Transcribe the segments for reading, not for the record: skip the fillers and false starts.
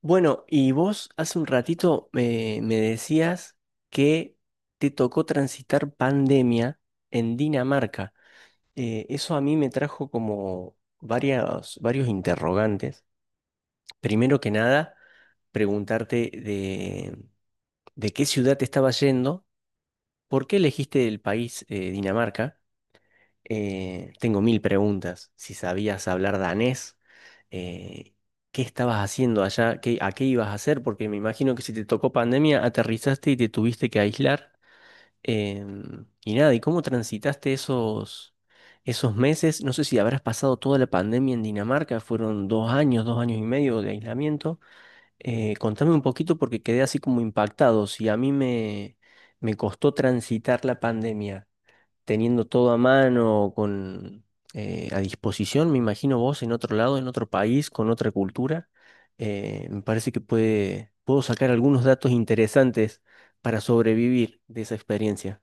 Bueno, y vos hace un ratito me decías que te tocó transitar pandemia en Dinamarca. Eso a mí me trajo como varios interrogantes. Primero que nada, preguntarte de qué ciudad te estabas yendo, por qué elegiste el país, Dinamarca. Tengo mil preguntas. Si sabías hablar danés, eh, ¿qué estabas haciendo allá? ¿A qué ibas a hacer? Porque me imagino que si te tocó pandemia, aterrizaste y te tuviste que aislar. Y nada, ¿y cómo transitaste esos meses? No sé si habrás pasado toda la pandemia en Dinamarca, fueron 2 años, 2 años y medio de aislamiento. Contame un poquito porque quedé así como impactado. Si a mí me costó transitar la pandemia teniendo todo a mano, a disposición. Me imagino vos en otro lado, en otro país, con otra cultura, me parece que puedo sacar algunos datos interesantes para sobrevivir de esa experiencia.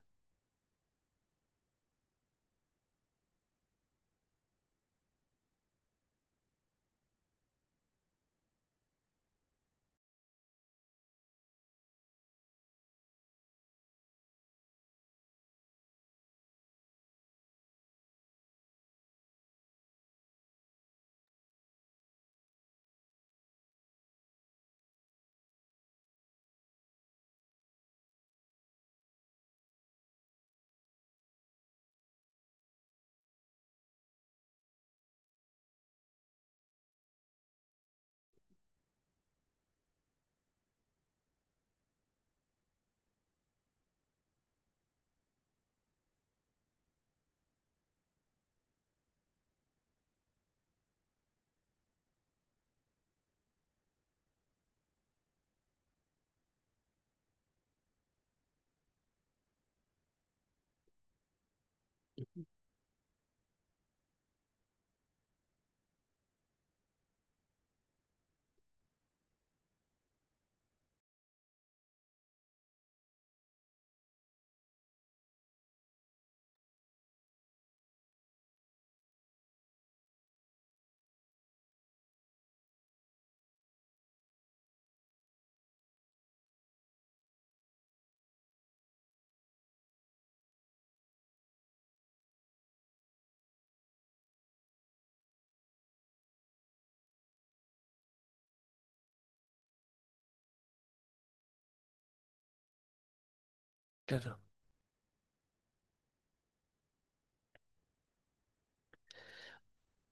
Claro.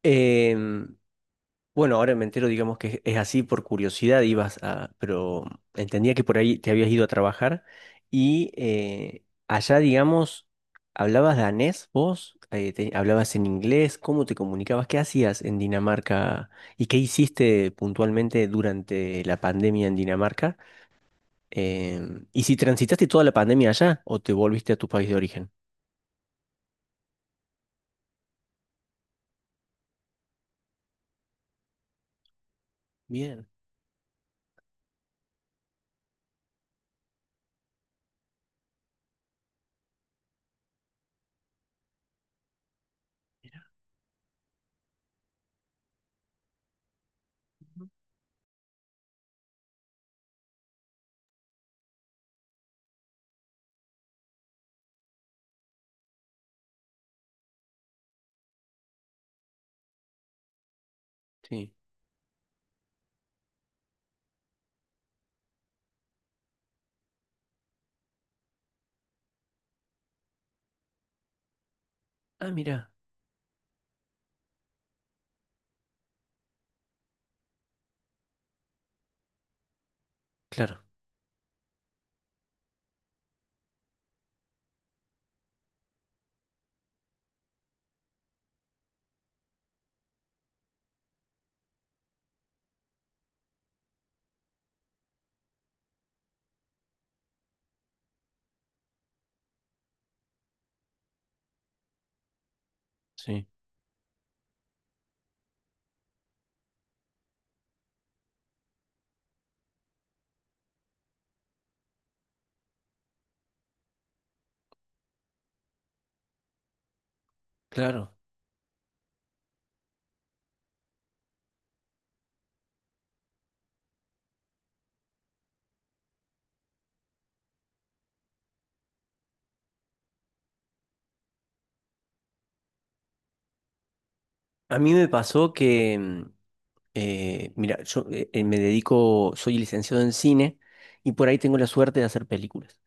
Em, Bueno, ahora me entero, digamos que es así por curiosidad, pero entendía que por ahí te habías ido a trabajar y allá, digamos, ¿hablabas danés vos? ¿Hablabas en inglés? ¿Cómo te comunicabas? ¿Qué hacías en Dinamarca? ¿Y qué hiciste puntualmente durante la pandemia en Dinamarca? ¿Y si transitaste toda la pandemia allá o te volviste a tu país de origen? Bien, sí. Ah, mira, claro, sí, claro. A mí me pasó que, mira, yo me dedico, soy licenciado en cine y por ahí tengo la suerte de hacer películas.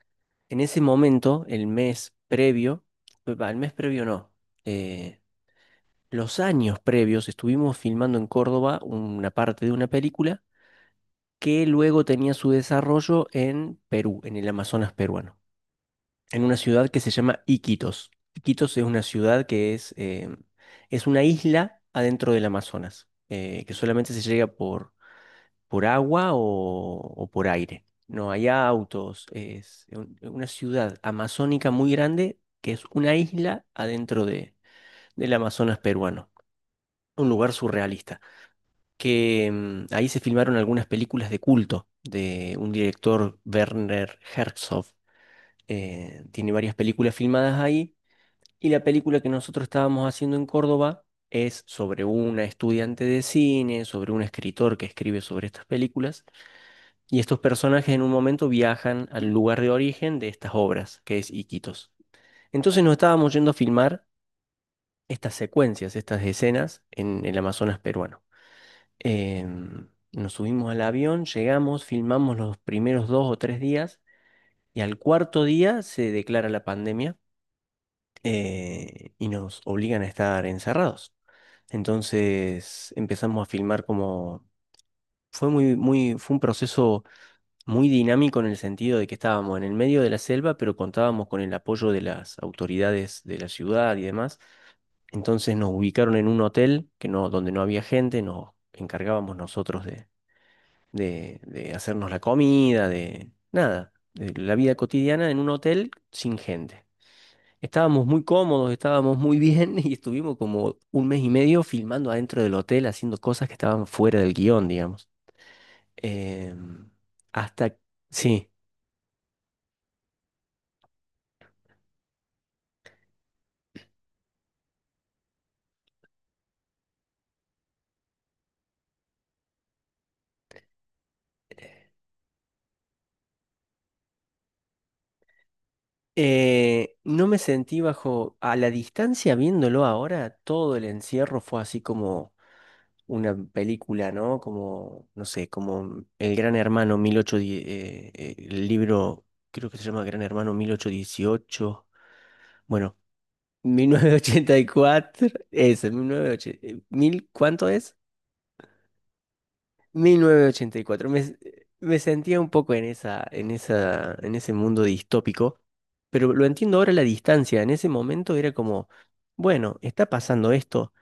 En ese momento, el mes previo, va, el mes previo no, eh, los años previos estuvimos filmando en Córdoba una parte de una película que luego tenía su desarrollo en Perú, en el Amazonas peruano, en una ciudad que se llama Iquitos. Iquitos es una ciudad que es una isla adentro del Amazonas, que solamente se llega por agua o por aire. No hay autos, es una ciudad amazónica muy grande que es una isla adentro del Amazonas peruano, un lugar surrealista, que ahí se filmaron algunas películas de culto de un director, Werner Herzog. Tiene varias películas filmadas ahí, y la película que nosotros estábamos haciendo en Córdoba es sobre una estudiante de cine, sobre un escritor que escribe sobre estas películas, y estos personajes en un momento viajan al lugar de origen de estas obras, que es Iquitos. Entonces nos estábamos yendo a filmar estas secuencias, estas escenas en el Amazonas peruano. Nos subimos al avión, llegamos, filmamos los primeros 2 o 3 días, y al cuarto día se declara la pandemia. Y nos obligan a estar encerrados. Entonces empezamos a filmar como. Fue un proceso muy dinámico, en el sentido de que estábamos en el medio de la selva, pero contábamos con el apoyo de las autoridades de la ciudad y demás. Entonces nos ubicaron en un hotel que no, donde no había gente, nos encargábamos nosotros de hacernos la comida, de nada, de la vida cotidiana en un hotel sin gente. Estábamos muy cómodos, estábamos muy bien y estuvimos como un mes y medio filmando adentro del hotel, haciendo cosas que estaban fuera del guión, digamos. Em, Hasta, sí. No me sentí bajo, a la distancia viéndolo ahora, todo el encierro fue así como una película, ¿no? Como, no sé, como El Gran Hermano 1810, el libro, creo que se llama Gran Hermano 1818. Bueno, 1984, eso, 1980, ¿mil cuánto es? 1984. Me sentía un poco en esa, en ese mundo distópico, pero lo entiendo ahora a la distancia. En ese momento era como, bueno, está pasando esto,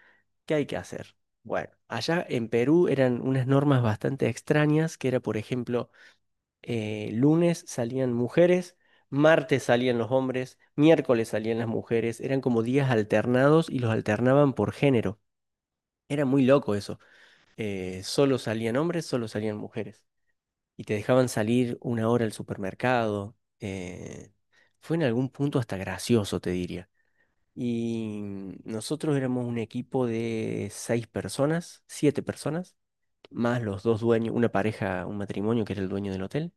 ¿qué hay que hacer? Bueno, allá en Perú eran unas normas bastante extrañas, que era, por ejemplo, lunes salían mujeres, martes salían los hombres, miércoles salían las mujeres, eran como días alternados y los alternaban por género. Era muy loco eso. Solo salían hombres, solo salían mujeres. Y te dejaban salir una hora al supermercado. Fue en algún punto hasta gracioso, te diría. Y nosotros éramos un equipo de seis personas, siete personas, más los dos dueños, una pareja, un matrimonio que era el dueño del hotel.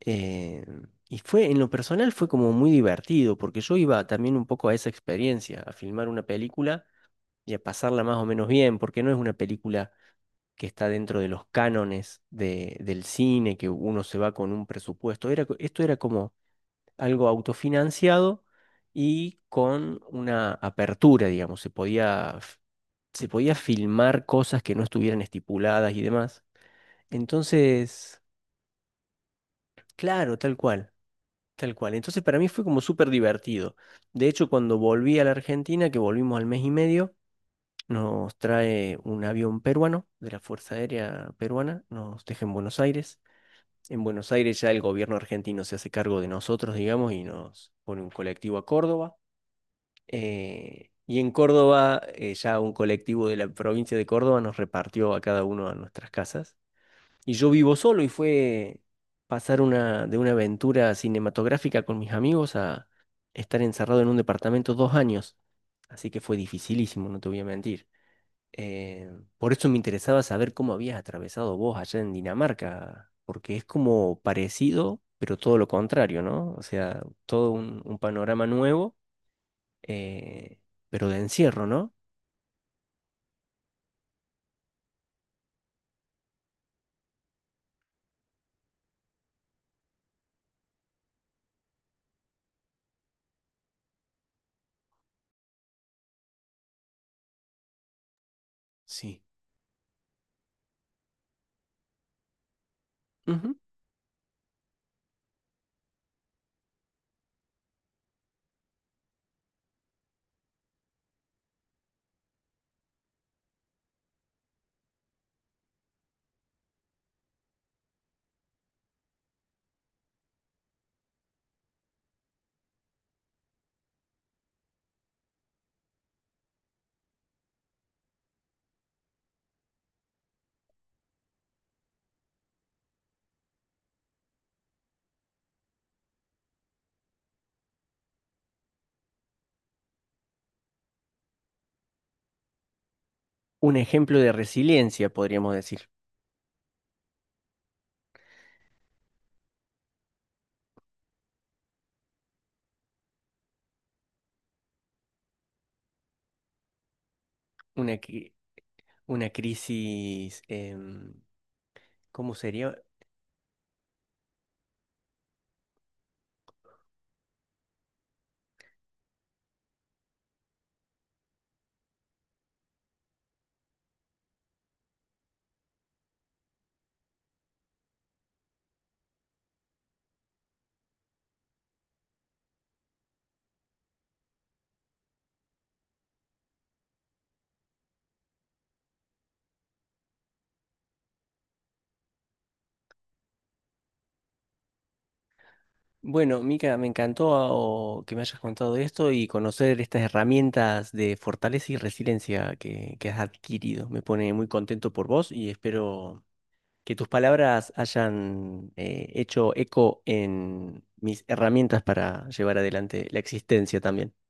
Eh, y en lo personal fue como muy divertido, porque yo iba también un poco a esa experiencia, a filmar una película y a pasarla más o menos bien, porque no es una película que está dentro de los cánones del cine, que uno se va con un presupuesto. Esto era como algo autofinanciado y con una apertura, digamos, se podía filmar cosas que no estuvieran estipuladas y demás. Entonces, claro, tal cual. Tal cual. Entonces para mí fue como súper divertido. De hecho, cuando volví a la Argentina, que volvimos al mes y medio, nos trae un avión peruano de la Fuerza Aérea Peruana, nos deja en Buenos Aires. En Buenos Aires ya el gobierno argentino se hace cargo de nosotros, digamos, y nos pone un colectivo a Córdoba. Y en Córdoba, ya un colectivo de la provincia de Córdoba nos repartió a cada uno a nuestras casas. Y yo vivo solo y fue pasar de una aventura cinematográfica con mis amigos a estar encerrado en un departamento 2 años. Así que fue dificilísimo, no te voy a mentir. Eh, por eso me interesaba saber cómo habías atravesado vos allá en Dinamarca, porque es como parecido, pero todo lo contrario, ¿no? O sea, todo un panorama nuevo, eh, pero de encierro, ¿no? Sí. Ujú. Un ejemplo de resiliencia, podríamos decir. Una, que- Una crisis, ¿cómo sería? Bueno, Mica, me encantó ah, o que me hayas contado esto y conocer estas herramientas de fortaleza y resiliencia que has adquirido. Me pone muy contento por vos y espero que tus palabras hayan hecho eco en mis herramientas para llevar adelante la existencia también.